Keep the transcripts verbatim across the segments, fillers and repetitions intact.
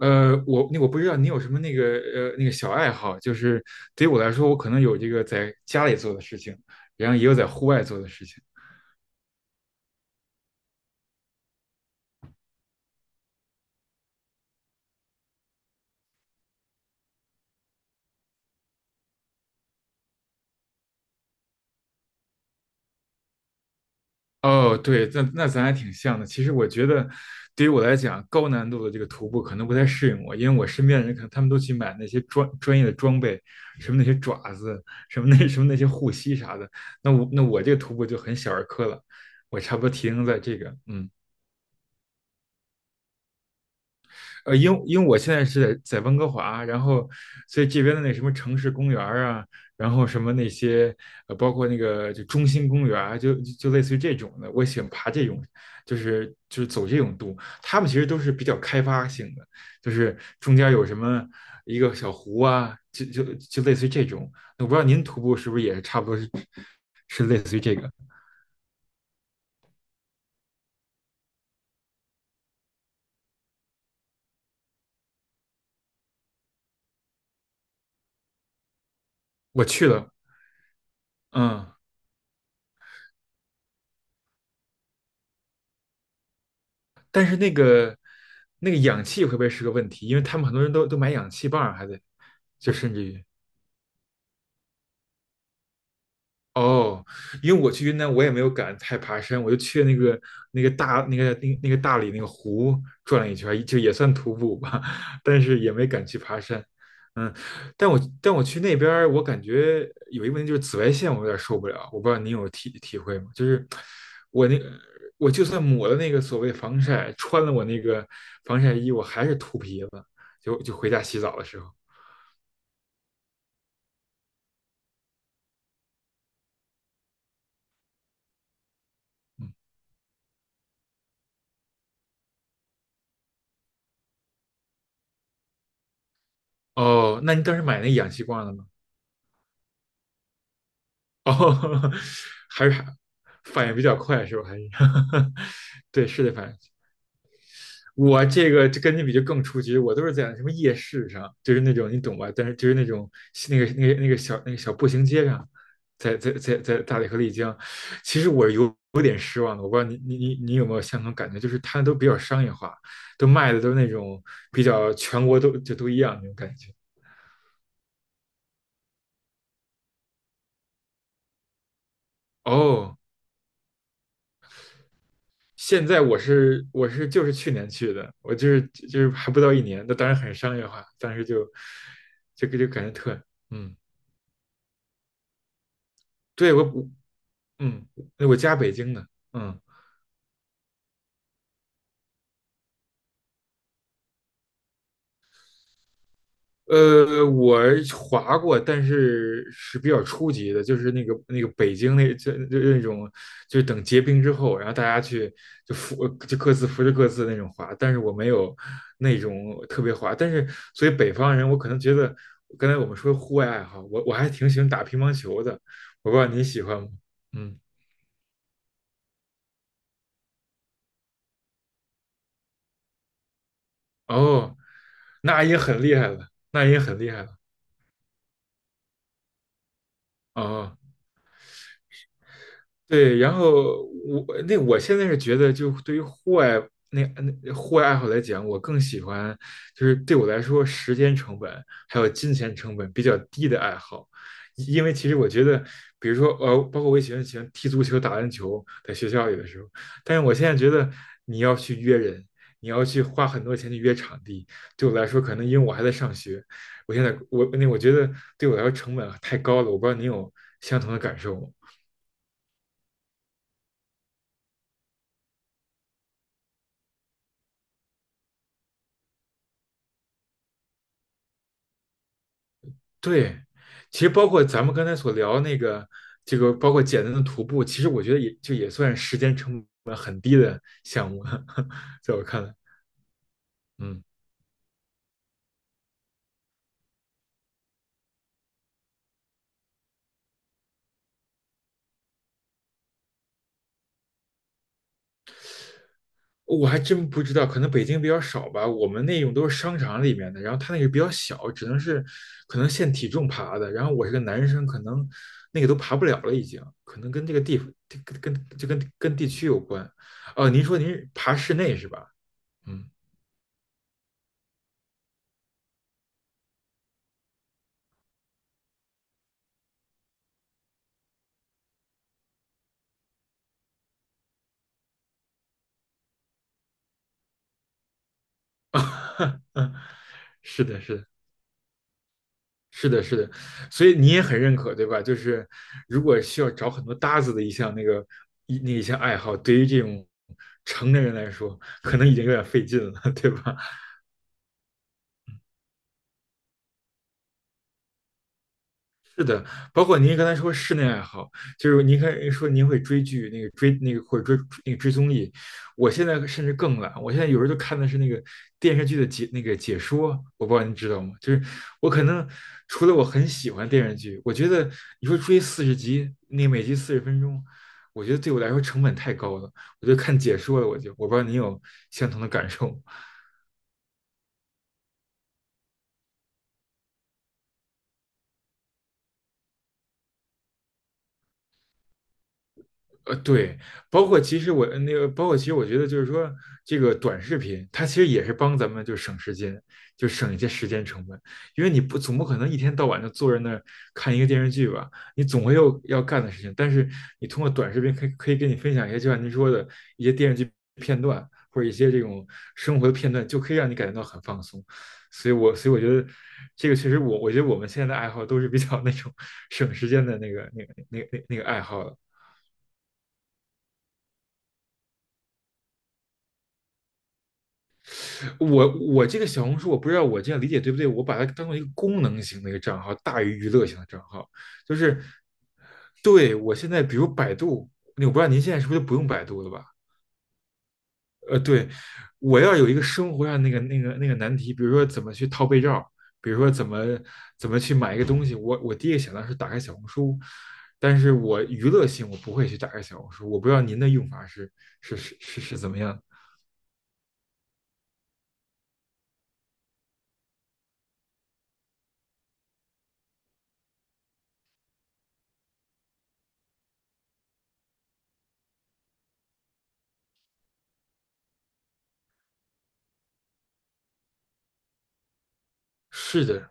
呃，我那我不知道你有什么那个呃那个小爱好，就是对于我来说，我可能有这个在家里做的事情，然后也有在户外做的事情。哦，对，那那咱还挺像的。其实我觉得，对于我来讲，高难度的这个徒步可能不太适应我，因为我身边的人可能他们都去买那些专专业的装备，什么那些爪子，什么那什么那些护膝啥的。那我那我这个徒步就很小儿科了，我差不多停留在这个，嗯。呃，因因为我现在是在在温哥华，然后所以这边的那什么城市公园儿啊，然后什么那些呃，包括那个就中心公园儿啊就就就类似于这种的，我喜欢爬这种，就是就是走这种路，他们其实都是比较开发性的，就是中间有什么一个小湖啊，就就就类似于这种。我不知道您徒步是不是也差不多是是类似于这个，我去了，嗯。但是那个那个氧气会不会是个问题？因为他们很多人都都买氧气棒儿还得就甚至于。哦，因为我去云南，我也没有敢太爬山，我就去那个那个大那个那个那个大理那个湖转了一圈，就也算徒步吧，但是也没敢去爬山。嗯，但我但我去那边儿我感觉有一个问题就是紫外线，我有点受不了。我不知道您有体体会吗？就是我那个我就算抹了那个所谓防晒，穿了我那个防晒衣，我还是秃皮子，就就回家洗澡的时候。嗯。哦，那你当时买那个氧气罐了吗？哦，还是反应比较快是吧？还是 对，是的，反应。我这个就跟你比就更初级，我都是在什么夜市上，就是那种你懂吧？但是就是那种那个那个那个小那个小步行街上，在在在在大理和丽江，其实我有有点失望的。我不知道你你你你有没有相同感觉，就是它都比较商业化，都卖的都是那种比较全国都就都一样那种感觉。哦，现在我是我是就是去年去的，我就是就是还不到一年，那当然很商业化，当时就就就感觉特。嗯，对我。嗯，那我家北京的，嗯。呃，我滑过，但是是比较初级的，就是那个那个北京那就就那种，就是等结冰之后，然后大家去就扶就各自扶着各自那种滑，但是我没有那种特别滑，但是所以北方人我可能觉得，刚才我们说户外爱好，我我还挺喜欢打乒乓球的，我不知道你喜欢吗？嗯，哦，那也很厉害了，那也很厉害了，哦。对，然后我那我现在是觉得，就对于户外那那户外爱好来讲，我更喜欢就是对我来说，时间成本还有金钱成本比较低的爱好，因因为其实我觉得，比如说呃，包括我也喜欢喜欢踢足球、打篮球，在学校里的时候，但是我现在觉得你要去约人，你要去花很多钱去约场地，对我来说，可能因为我还在上学，我现在我那我觉得对我来说成本啊太高了，我不知道你有相同的感受吗？对，其实包括咱们刚才所聊那个，这个包括简单的徒步，其实我觉得也就也算时间成本很低的项目了，在我看来。嗯，我还真不知道，可能北京比较少吧，我们那种都是商场里面的，然后它那个比较小，只能是可能限体重爬的，然后我是个男生，可能那个都爬不了了，已经，可能跟这个地跟跟就跟跟地区有关。哦、您说您是爬室内是吧？嗯，是的，是的。是的，是的，所以你也很认可，对吧？就是如果需要找很多搭子的一项那个一那一项爱好，对于这种成年人来说，可能已经有点费劲了，对吧？是的，包括您刚才说室内爱好，就是您看说您会追剧，那个追那个或者追那个追综艺，我现在甚至更懒，我现在有时候就看的是那个电视剧的解那个解说，我不知道您知道吗？就是我可能除了我很喜欢电视剧，我觉得你说追四十集，那每集四十分钟，我觉得对我来说成本太高了，我就看解说了，我就我不知道您有相同的感受吗？呃，对，包括其实我呃那个，包括其实我觉得就是说，这个短视频它其实也是帮咱们就省时间，就省一些时间成本，因为你不总不可能一天到晚就坐在那儿看一个电视剧吧，你总会有要干的事情。但是你通过短视频可以可以跟你分享一些，就像您说的一些电视剧片段或者一些这种生活的片段，就可以让你感觉到很放松。所以我所以我觉得这个确实我我觉得我们现在的爱好都是比较那种 省时间的那个那个那个那个那个爱好了。我我这个小红书，我不知道我这样理解对不对，我把它当做一个功能型的一个账号，大于娱乐型的账号。就是对我现在，比如百度，那我不知道您现在是不是就不用百度了吧？呃，对，我要有一个生活上那个那个那个难题，比如说怎么去套被罩，比如说怎么怎么去买一个东西，我我第一个想到是打开小红书，但是我娱乐性我不会去打开小红书，我不知道您的用法是是是是是怎么样？是的，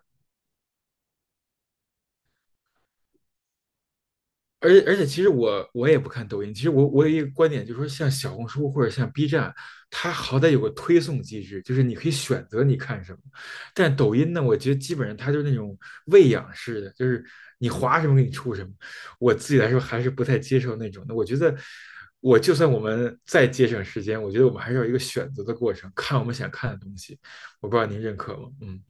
而且而且，其实我我也不看抖音。其实我我有一个观点，就是说，像小红书或者像 B 站，它好歹有个推送机制，就是你可以选择你看什么。但抖音呢，我觉得基本上它就是那种喂养式的，就是你划什么给你出什么。我自己来说还是不太接受那种的。我觉得，我就算我们再节省时间，我觉得我们还是要有一个选择的过程，看我们想看的东西。我不知道您认可吗？嗯。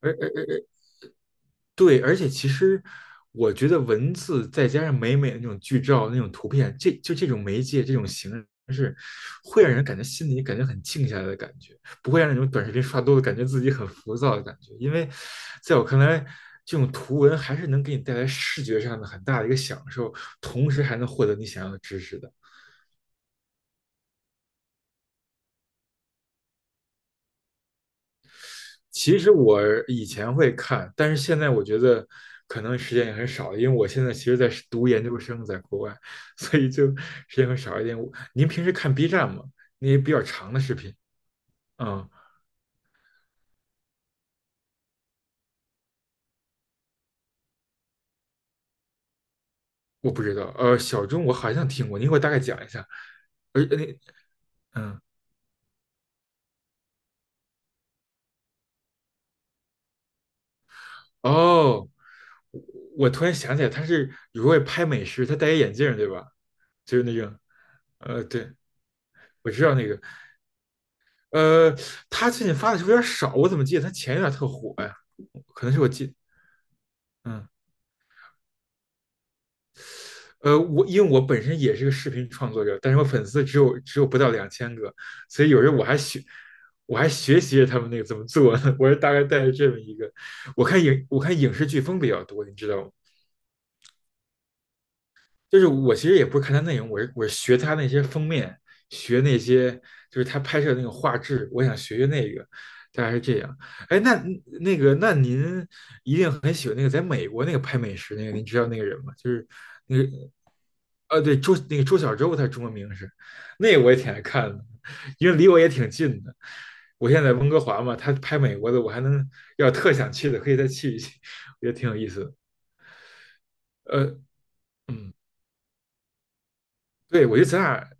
而而。对，而且其实我觉得文字再加上美美的那种剧照、那种图片，这就这种媒介、这种形式，会让人感觉心里感觉很静下来的感觉，不会让那种短视频刷多了感觉自己很浮躁的感觉。因为在我看来，这种图文还是能给你带来视觉上的很大的一个享受，同时还能获得你想要的知识的。其实我以前会看，但是现在我觉得可能时间也很少，因为我现在其实在读研究生，在国外，所以就时间会少一点。我您平时看 B 站吗？那些比较长的视频？嗯，我不知道。呃，小钟我好像听过，您给我大概讲一下。而那嗯哦，我我突然想起来，他是有时候会拍美食，他戴一眼镜儿对吧？就是那个，呃，对，我知道那个，呃，他最近发的是不是有点少？我怎么记得他前一段特火呀？可能是我记，嗯。呃，我因为我本身也是个视频创作者，但是我粉丝只有只有不到两千个，所以有时候我还学，我还学习着他们那个怎么做呢。我是大概带着这么一个，我看影我看影视剧风比较多，你知道吗？就是我其实也不是看他内容，我是我是学他那些封面，学那些就是他拍摄那个画质，我想学学那个，大概是这样。哎，那那个那您一定很喜欢那个在美国那个拍美食那个，您知道那个人吗？就是那个，呃，对周那个周小周，他中文名是那个我也挺爱看的，因为离我也挺近的。我现在在温哥华嘛，他拍美国的，我还能要特想去的，可以再去一去，我觉得挺有意思的。呃，嗯。对，我觉得咱俩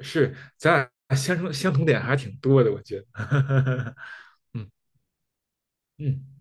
是咱俩相同相同点还挺多的，我觉得。嗯嗯。